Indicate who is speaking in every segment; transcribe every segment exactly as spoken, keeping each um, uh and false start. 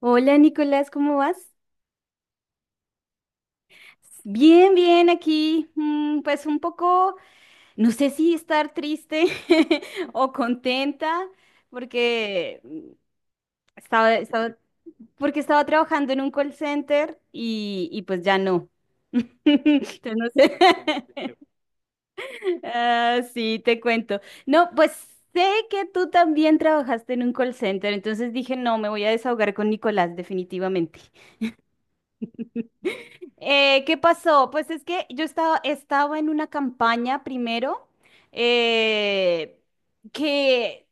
Speaker 1: Hola Nicolás, ¿cómo vas? Bien, bien, aquí, mm, pues un poco, no sé si estar triste o contenta, porque mm, estaba, estaba- porque estaba trabajando en un call center y, y pues ya no. Entonces, no sé. Ah, sí, te cuento. No, pues sé que tú también trabajaste en un call center, entonces dije, no, me voy a desahogar con Nicolás, definitivamente. Eh, ¿qué pasó? Pues es que yo estaba, estaba en una campaña primero eh, que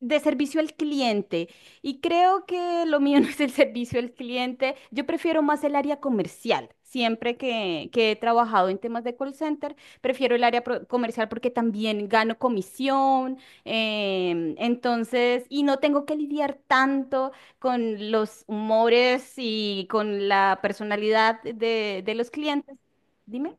Speaker 1: de servicio al cliente y creo que lo mío no es el servicio al cliente, yo prefiero más el área comercial. Siempre que, que he trabajado en temas de call center, prefiero el área pro- comercial porque también gano comisión, em, entonces, y no tengo que lidiar tanto con los humores y con la personalidad de, de los clientes. Dime.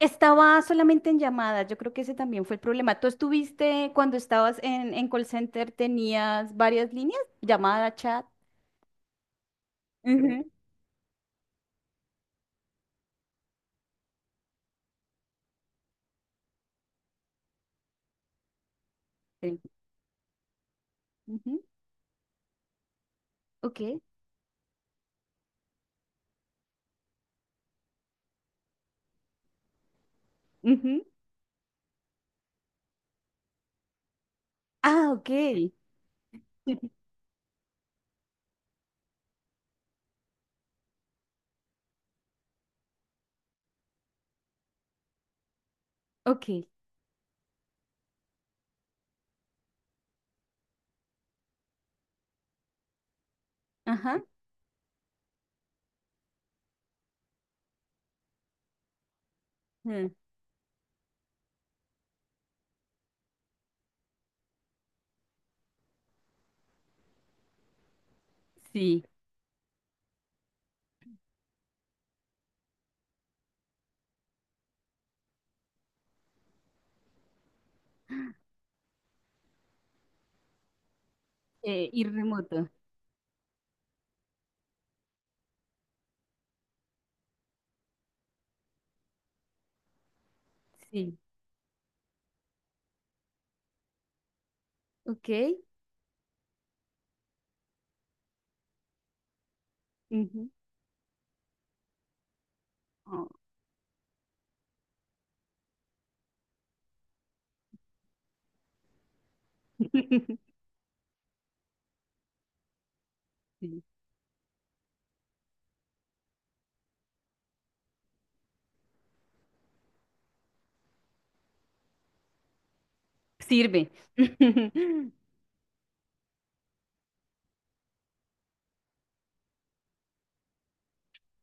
Speaker 1: Estaba solamente en llamadas, yo creo que ese también fue el problema. ¿Tú estuviste cuando estabas en, en call center, tenías varias líneas? Llamada, chat. Ujú. eh, Ujú. Ok. Ujú. Ah, ok. Ok. Ajá. mm, Sí. Eh, y remoto. Sí. Ok. Ujú. Oh. Sí. Sirve.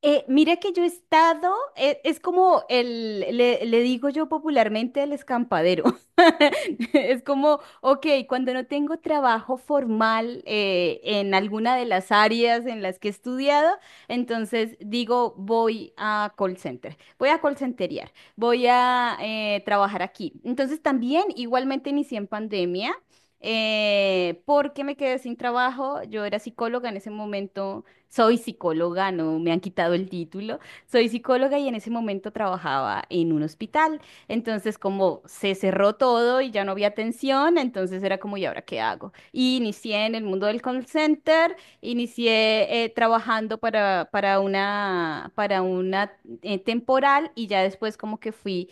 Speaker 1: Eh, mira que yo he estado, e- es como el, le, le digo yo popularmente el escampadero. Es como, ok, cuando no tengo trabajo formal eh, en alguna de las áreas en las que he estudiado, entonces digo, voy a call center, voy a call centerear, voy a eh, trabajar aquí. Entonces también, igualmente inicié en pandemia. Eh, porque me quedé sin trabajo, yo era psicóloga en ese momento, soy psicóloga, no me han quitado el título. Soy psicóloga y en ese momento trabajaba en un hospital. Entonces, como se cerró todo y ya no había atención, entonces era como, ¿y ahora qué hago? Y inicié en el mundo del call center, inicié eh, trabajando para, para una, para una eh, temporal y ya después como que fui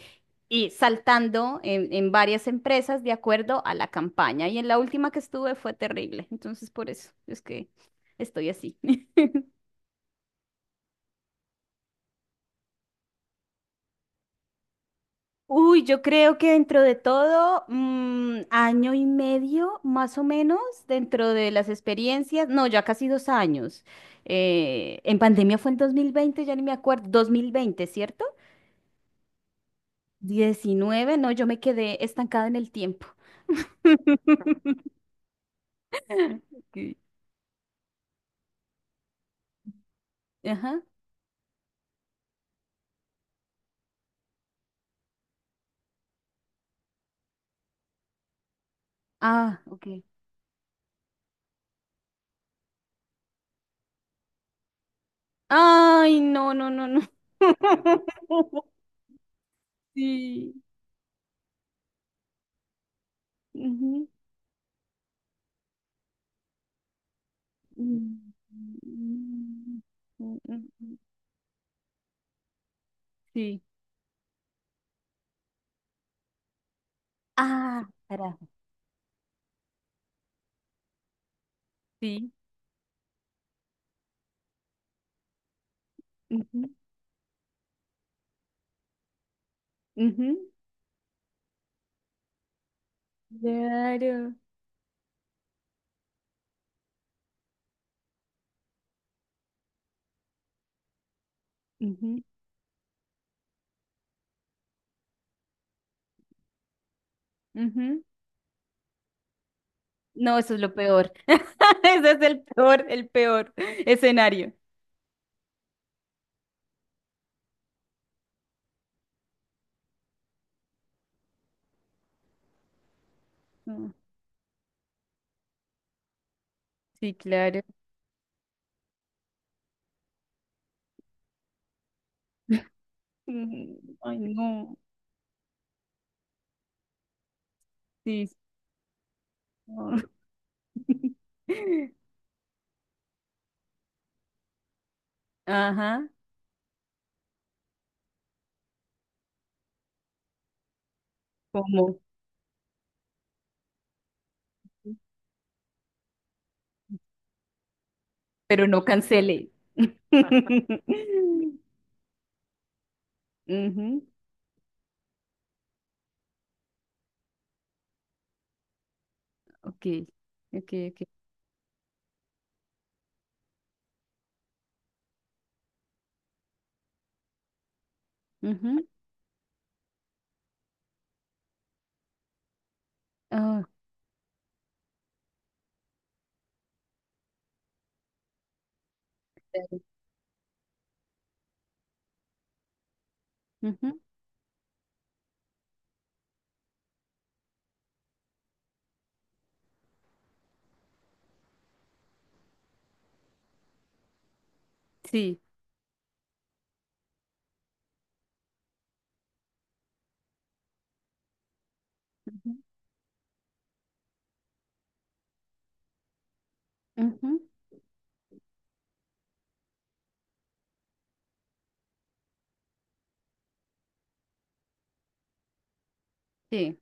Speaker 1: y saltando en, en varias empresas de acuerdo a la campaña. Y en la última que estuve fue terrible. Entonces, por eso es que estoy así. Uy, yo creo que dentro de todo, mm, año y medio más o menos, dentro de las experiencias, no, ya casi dos años. Eh, en pandemia fue en dos mil veinte, ya ni me acuerdo. Dos mil veinte, ¿cierto? Diecinueve, no, yo me quedé estancada en el tiempo. Ok. Ajá. Ah, ok. Ay, no, no, no, no. Sí. Ujú. Mm, mm, mm, mm, mm, mm. Mm. Sí. Ah, carajo. Sí. Ujú, ujú, claro. Ujú, ujú. No, eso es lo peor. Ese es el peor, el peor escenario. Mm, Sí, claro. Mm, Ay, no. Sí. No. Ajá. ¿Cómo? Pero no cancele. Ujú. Ok, ok, ok. Ujú. Ah, claro. Ujú. Sí. Ujú, ujú. Sí.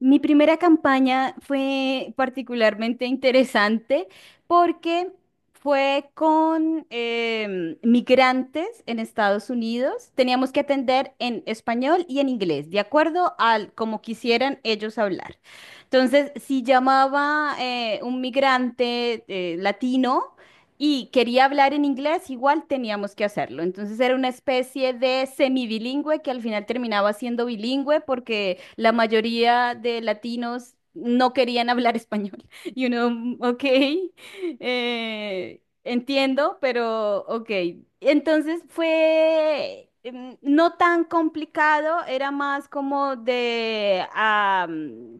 Speaker 1: Mi primera campaña fue particularmente interesante porque fue con em, migrantes en Estados Unidos. Teníamos que atender en español y en inglés, de acuerdo al como quisieran ellos hablar. Entonces, si llamaba eh, un migrante eh, latino, y quería hablar en inglés, igual teníamos que hacerlo. Entonces era una especie de semibilingüe que al final terminaba siendo bilingüe porque la mayoría de latinos no querían hablar español. Y uno, "Mm, ok, eh, entiendo, pero ok". Entonces fue mm, no tan complicado, era más como de, ah,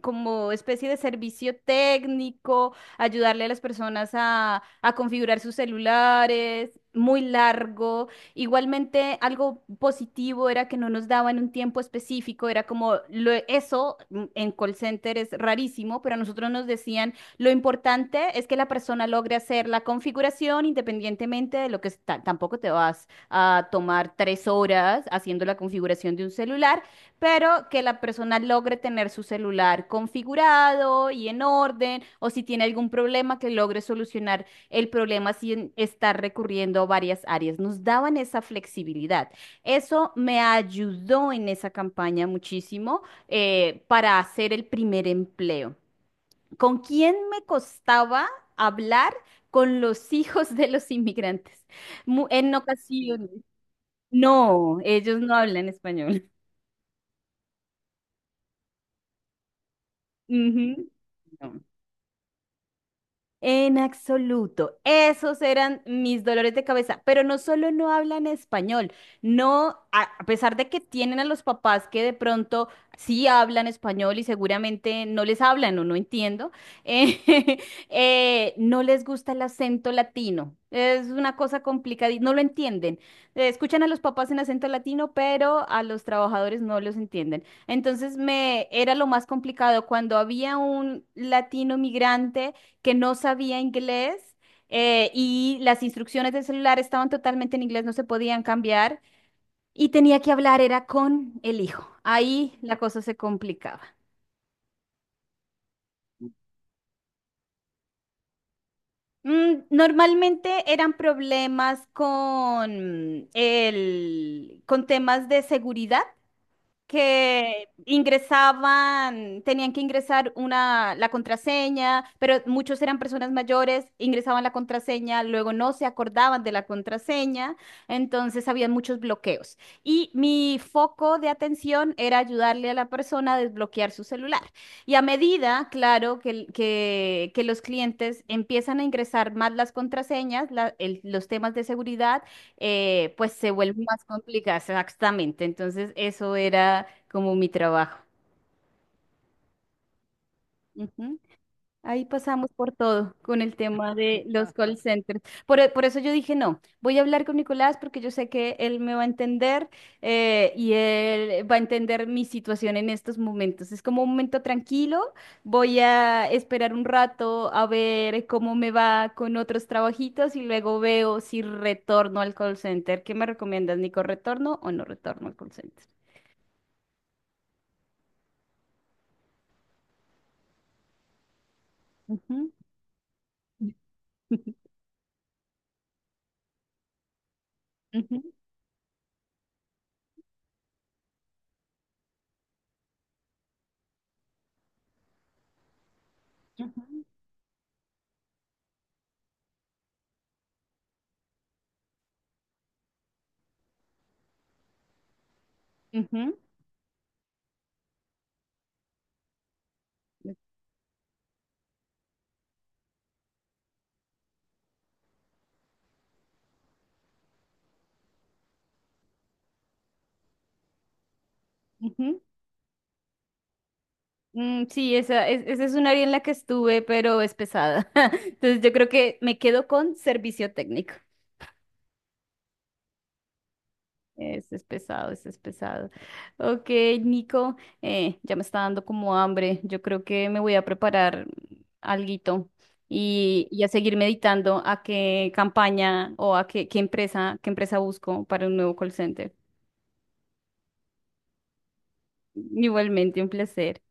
Speaker 1: como especie de servicio técnico, ayudarle a las personas a, a configurar sus celulares, muy largo. Igualmente, algo positivo era que no nos daban un tiempo específico, era como lo- eso mm, en call center es rarísimo, pero a nosotros nos decían lo importante es que la persona logre hacer la configuración independientemente de lo que está. Tampoco te vas a tomar tres horas haciendo la configuración de un celular, pero que la persona logre tener su celular configurado y en orden, o si tiene algún problema, que logre solucionar el problema sin estar recurriendo a varias áreas. Nos daban esa flexibilidad. Eso me ayudó en esa campaña muchísimo eh, para hacer el primer empleo. ¿Con quién me costaba hablar? Con los hijos de los inmigrantes. Mu- En ocasiones. No, ellos no hablan español. Ujú. No. En absoluto. Esos eran mis dolores de cabeza. Pero no solo no hablan español, no, a a pesar de que tienen a los papás que de pronto sí hablan español y seguramente no les hablan o no entiendo, eh, eh, no les gusta el acento latino. Es una cosa complicada y no lo entienden. Eh, Escuchan a los papás en acento latino, pero a los trabajadores no los entienden. Entonces me era lo más complicado cuando había un latino migrante que no sabía inglés eh, y las instrucciones del celular estaban totalmente en inglés, no se podían cambiar y tenía que hablar, era con el hijo. Ahí la cosa se complicaba. Mm, Normalmente eran problemas con el, con temas de seguridad, que ingresaban, tenían que ingresar una, la contraseña, pero muchos eran personas mayores, ingresaban la contraseña, luego no se acordaban de la contraseña, entonces había muchos bloqueos. Y mi foco de atención era ayudarle a la persona a desbloquear su celular. Y a medida, claro, que, el- que, que los clientes empiezan a ingresar más las contraseñas, la- el- los temas de seguridad, eh, pues se vuelve más complicada, exactamente. Entonces, eso era como mi trabajo. Ujú. Ahí pasamos por todo con el tema de los call centers. Por, e- por eso yo dije, no, voy a hablar con Nicolás porque yo sé que él me va a entender eh, y él va a entender mi situación en estos momentos. Es como un momento tranquilo, voy a esperar un rato a ver cómo me va con otros trabajitos y luego veo si retorno al call center. ¿Qué me recomiendas, Nico? ¿Retorno o no retorno al call center? Ujú. Ujú, ujú, ujú, ujú. Mm, sí, esa es, esa es un área en la que estuve, pero es pesada. Entonces yo creo que me quedo con servicio técnico. Ese es pesado, ese es pesado. Ok, Nico, eh, ya me está dando como hambre. Yo creo que me voy a preparar alguito y, y a seguir meditando a qué campaña o a qué, qué empresa, qué empresa busco para un nuevo call center. Igualmente, un placer.